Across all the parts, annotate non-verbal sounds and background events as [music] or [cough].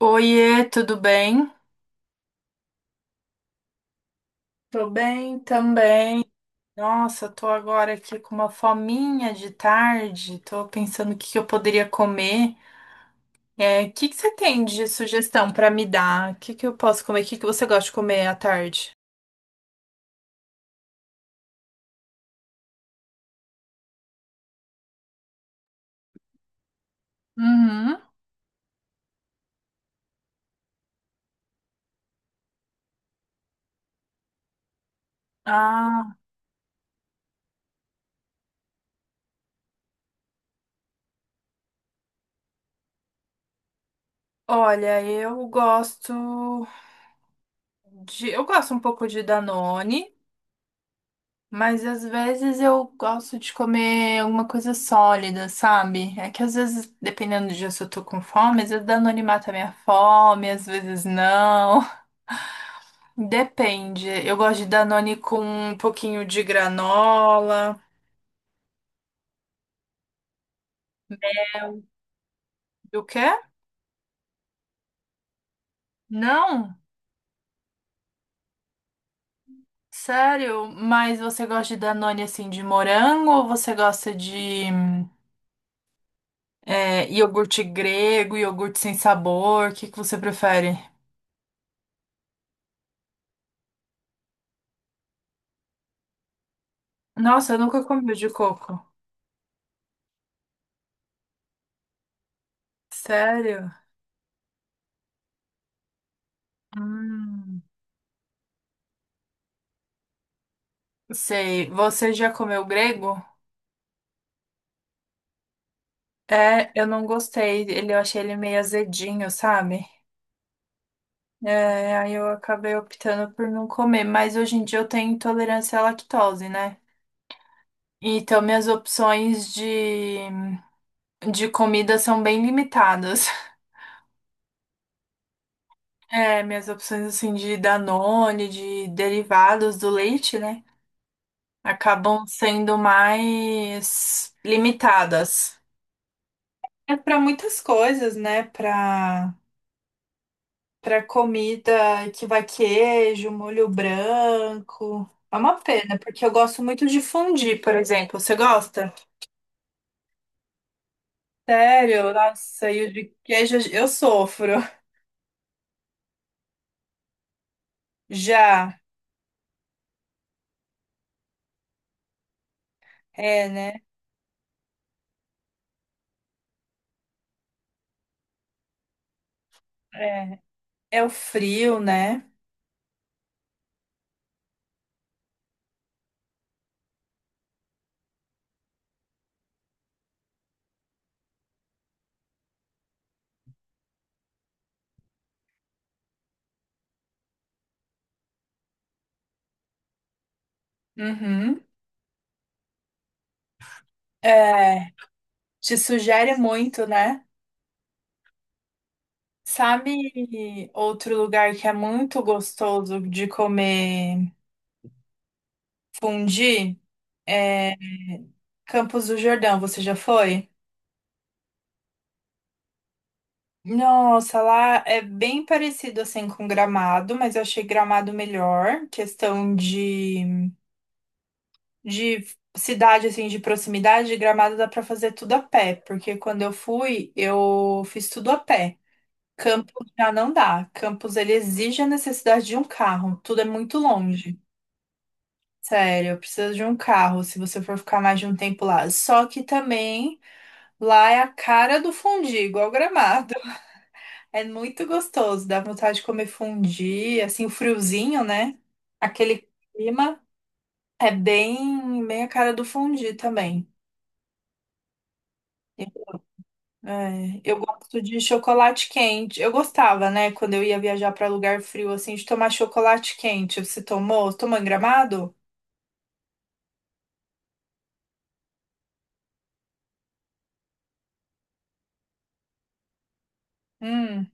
Oiê, tudo bem? Tô bem também. Nossa, tô agora aqui com uma fominha de tarde. Tô pensando o que que eu poderia comer. É, o que que você tem de sugestão pra me dar? O que que eu posso comer? O que que você gosta de comer à tarde? Uhum. Ah, olha, eu gosto eu gosto um pouco de Danone. Mas às vezes eu gosto de comer alguma coisa sólida, sabe? É que às vezes, dependendo do dia, se eu tô com fome, às vezes Danone mata a minha fome, às vezes não. [laughs] Depende. Eu gosto de Danone com um pouquinho de granola. Do quê? Não? Sério? Mas você gosta de Danone assim de morango ou você gosta de iogurte grego, iogurte sem sabor? O que que você prefere? Nossa, eu nunca comi o de coco. Sério? Hum, sei. Você já comeu grego? É, eu não gostei. Eu achei ele meio azedinho, sabe? É, aí eu acabei optando por não comer. Mas hoje em dia eu tenho intolerância à lactose, né? Então minhas opções de comida são bem limitadas. [laughs] É, minhas opções assim de Danone, de derivados do leite, né? Acabam sendo mais limitadas. É para muitas coisas, né? Para comida que vai queijo, molho branco. É uma pena, porque eu gosto muito de fondue, por exemplo. Você gosta? Sério? Nossa, e o de queijo eu sofro. Já. É, né? É. É o frio, né? Uhum. É. Te sugere muito, né? Sabe outro lugar que é muito gostoso de comer fondue? Campos do Jordão, você já foi? Nossa, lá é bem parecido assim com Gramado, mas eu achei Gramado melhor. Questão de cidade, assim, de proximidade, Gramado dá pra fazer tudo a pé, porque quando eu fui, eu fiz tudo a pé. Campos já não dá. Campos ele exige a necessidade de um carro. Tudo é muito longe. Sério, precisa de um carro se você for ficar mais de um tempo lá. Só que também lá é a cara do fundi, igual Gramado. É muito gostoso, dá vontade de comer fondue, assim, o friozinho, né? Aquele clima é bem, bem a cara do fondue também. É, eu gosto de chocolate quente. Eu gostava, né, quando eu ia viajar para lugar frio, assim, de tomar chocolate quente. Você tomou? Tomou em Gramado? Hum.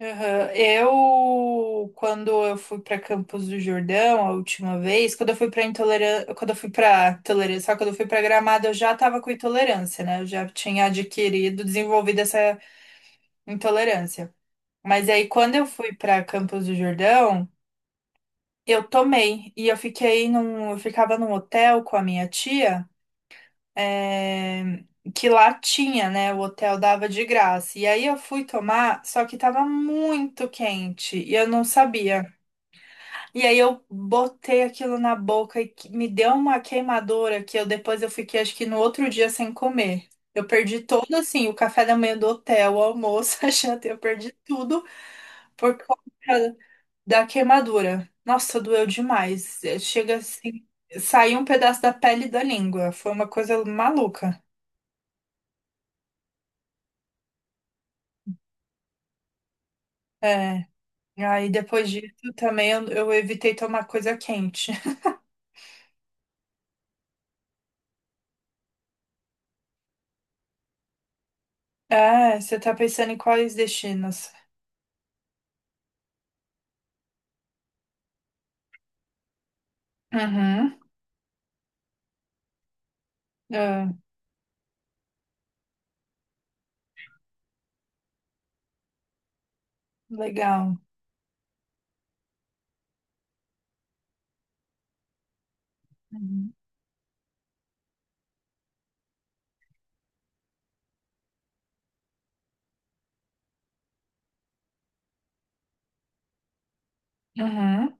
Aham. Quando eu fui para Campos do Jordão a última vez, quando eu fui para intolerância, quando eu fui para tolerância, só quando eu fui para Gramado, eu já estava com intolerância, né? Eu já tinha adquirido, desenvolvido essa intolerância. Mas aí, quando eu fui para Campos do Jordão, eu tomei e eu ficava num hotel com a minha tia, é, que lá tinha, né? O hotel dava de graça. E aí eu fui tomar, só que tava muito quente e eu não sabia. E aí eu botei aquilo na boca e me deu uma queimadura que eu depois eu fiquei acho que no outro dia sem comer. Eu perdi todo assim, o café da manhã do hotel, o almoço, [laughs] a janta, eu perdi tudo por conta da queimadura. Nossa, doeu demais. É, chega assim, saiu um pedaço da pele e da língua. Foi uma coisa maluca. É, e aí depois disso também eu evitei tomar coisa quente. [laughs] É, você tá pensando em quais destinos? Uhum, é, legal. Uhum. Uhum.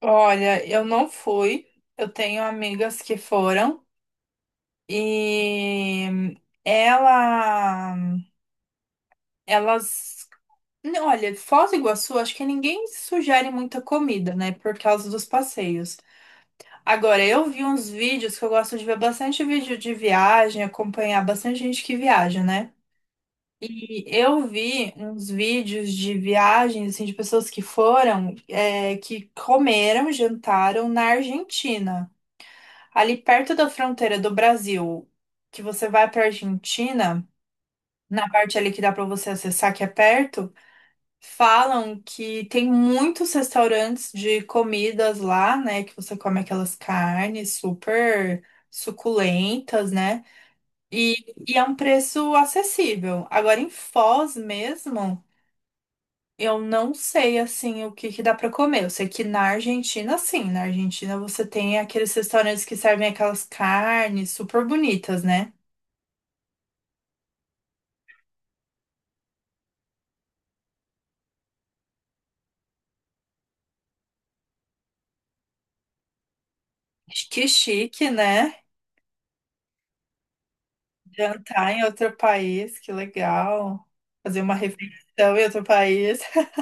Olha, eu não fui. Eu tenho amigas que foram e ela, elas, olha, Foz do Iguaçu, acho que ninguém sugere muita comida, né, por causa dos passeios. Agora, eu vi uns vídeos que eu gosto de ver bastante vídeo de viagem, acompanhar bastante gente que viaja, né? E eu vi uns vídeos de viagens, assim, de pessoas que foram, é, que comeram, jantaram na Argentina. Ali perto da fronteira do Brasil, que você vai para Argentina, na parte ali que dá para você acessar, que é perto, falam que tem muitos restaurantes de comidas lá, né? Que você come aquelas carnes super suculentas, né? E é um preço acessível. Agora, em Foz mesmo. Eu não sei assim o que que dá pra comer. Eu sei que na Argentina, sim, na Argentina você tem aqueles restaurantes que servem aquelas carnes super bonitas, né? Que chique, né? Jantar em outro país, que legal. Fazer uma refeição em outro país. [laughs]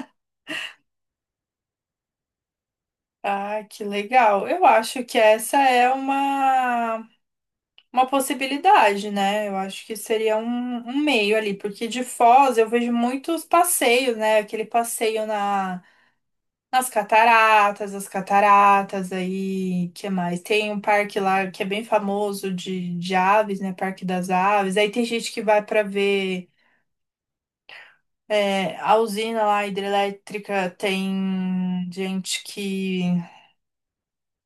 Ah, que legal. Eu acho que essa é uma possibilidade, né? Eu acho que seria um meio ali, porque de Foz eu vejo muitos passeios, né? Aquele passeio na Nas cataratas, as cataratas aí, que mais? Tem um parque lá que é bem famoso de aves, né? Parque das Aves. Aí tem gente que vai para ver a usina lá hidrelétrica, tem gente que,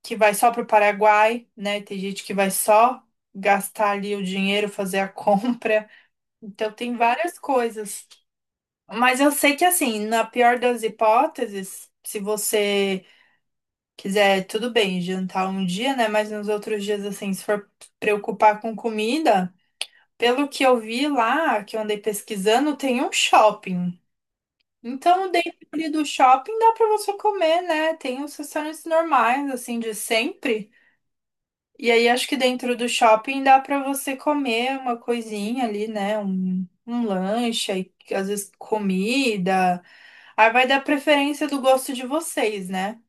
que vai só para o Paraguai, né? Tem gente que vai só gastar ali o dinheiro, fazer a [laughs] compra. Então tem várias coisas. Mas eu sei que assim, na pior das hipóteses, se você quiser, tudo bem, jantar um dia, né? Mas nos outros dias, assim, se for preocupar com comida, pelo que eu vi lá, que eu andei pesquisando, tem um shopping. Então, dentro ali do shopping dá para você comer, né? Tem os restaurantes normais, assim, de sempre. E aí, acho que dentro do shopping dá para você comer uma coisinha ali, né? Um lanche, aí, às vezes comida. Aí vai dar preferência do gosto de vocês, né?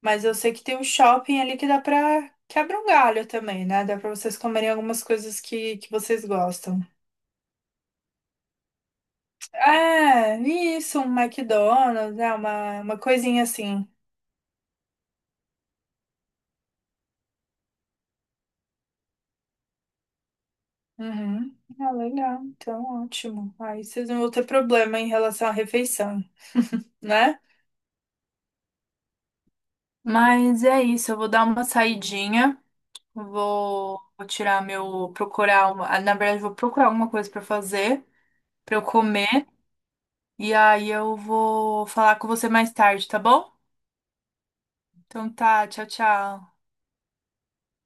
Mas eu sei que tem um shopping ali que dá pra, quebra um galho também, né? Dá pra vocês comerem algumas coisas que vocês gostam. É, isso, um McDonald's, né? Uma coisinha assim. Uhum. Ah, legal. Então, ótimo. Aí vocês não vão ter problema em relação à refeição, né? Mas é isso, eu vou dar uma saidinha. Vou tirar meu. Procurar uma. Ah, na verdade, vou procurar alguma coisa pra fazer, pra eu comer. E aí eu vou falar com você mais tarde, tá bom? Então tá, tchau, tchau.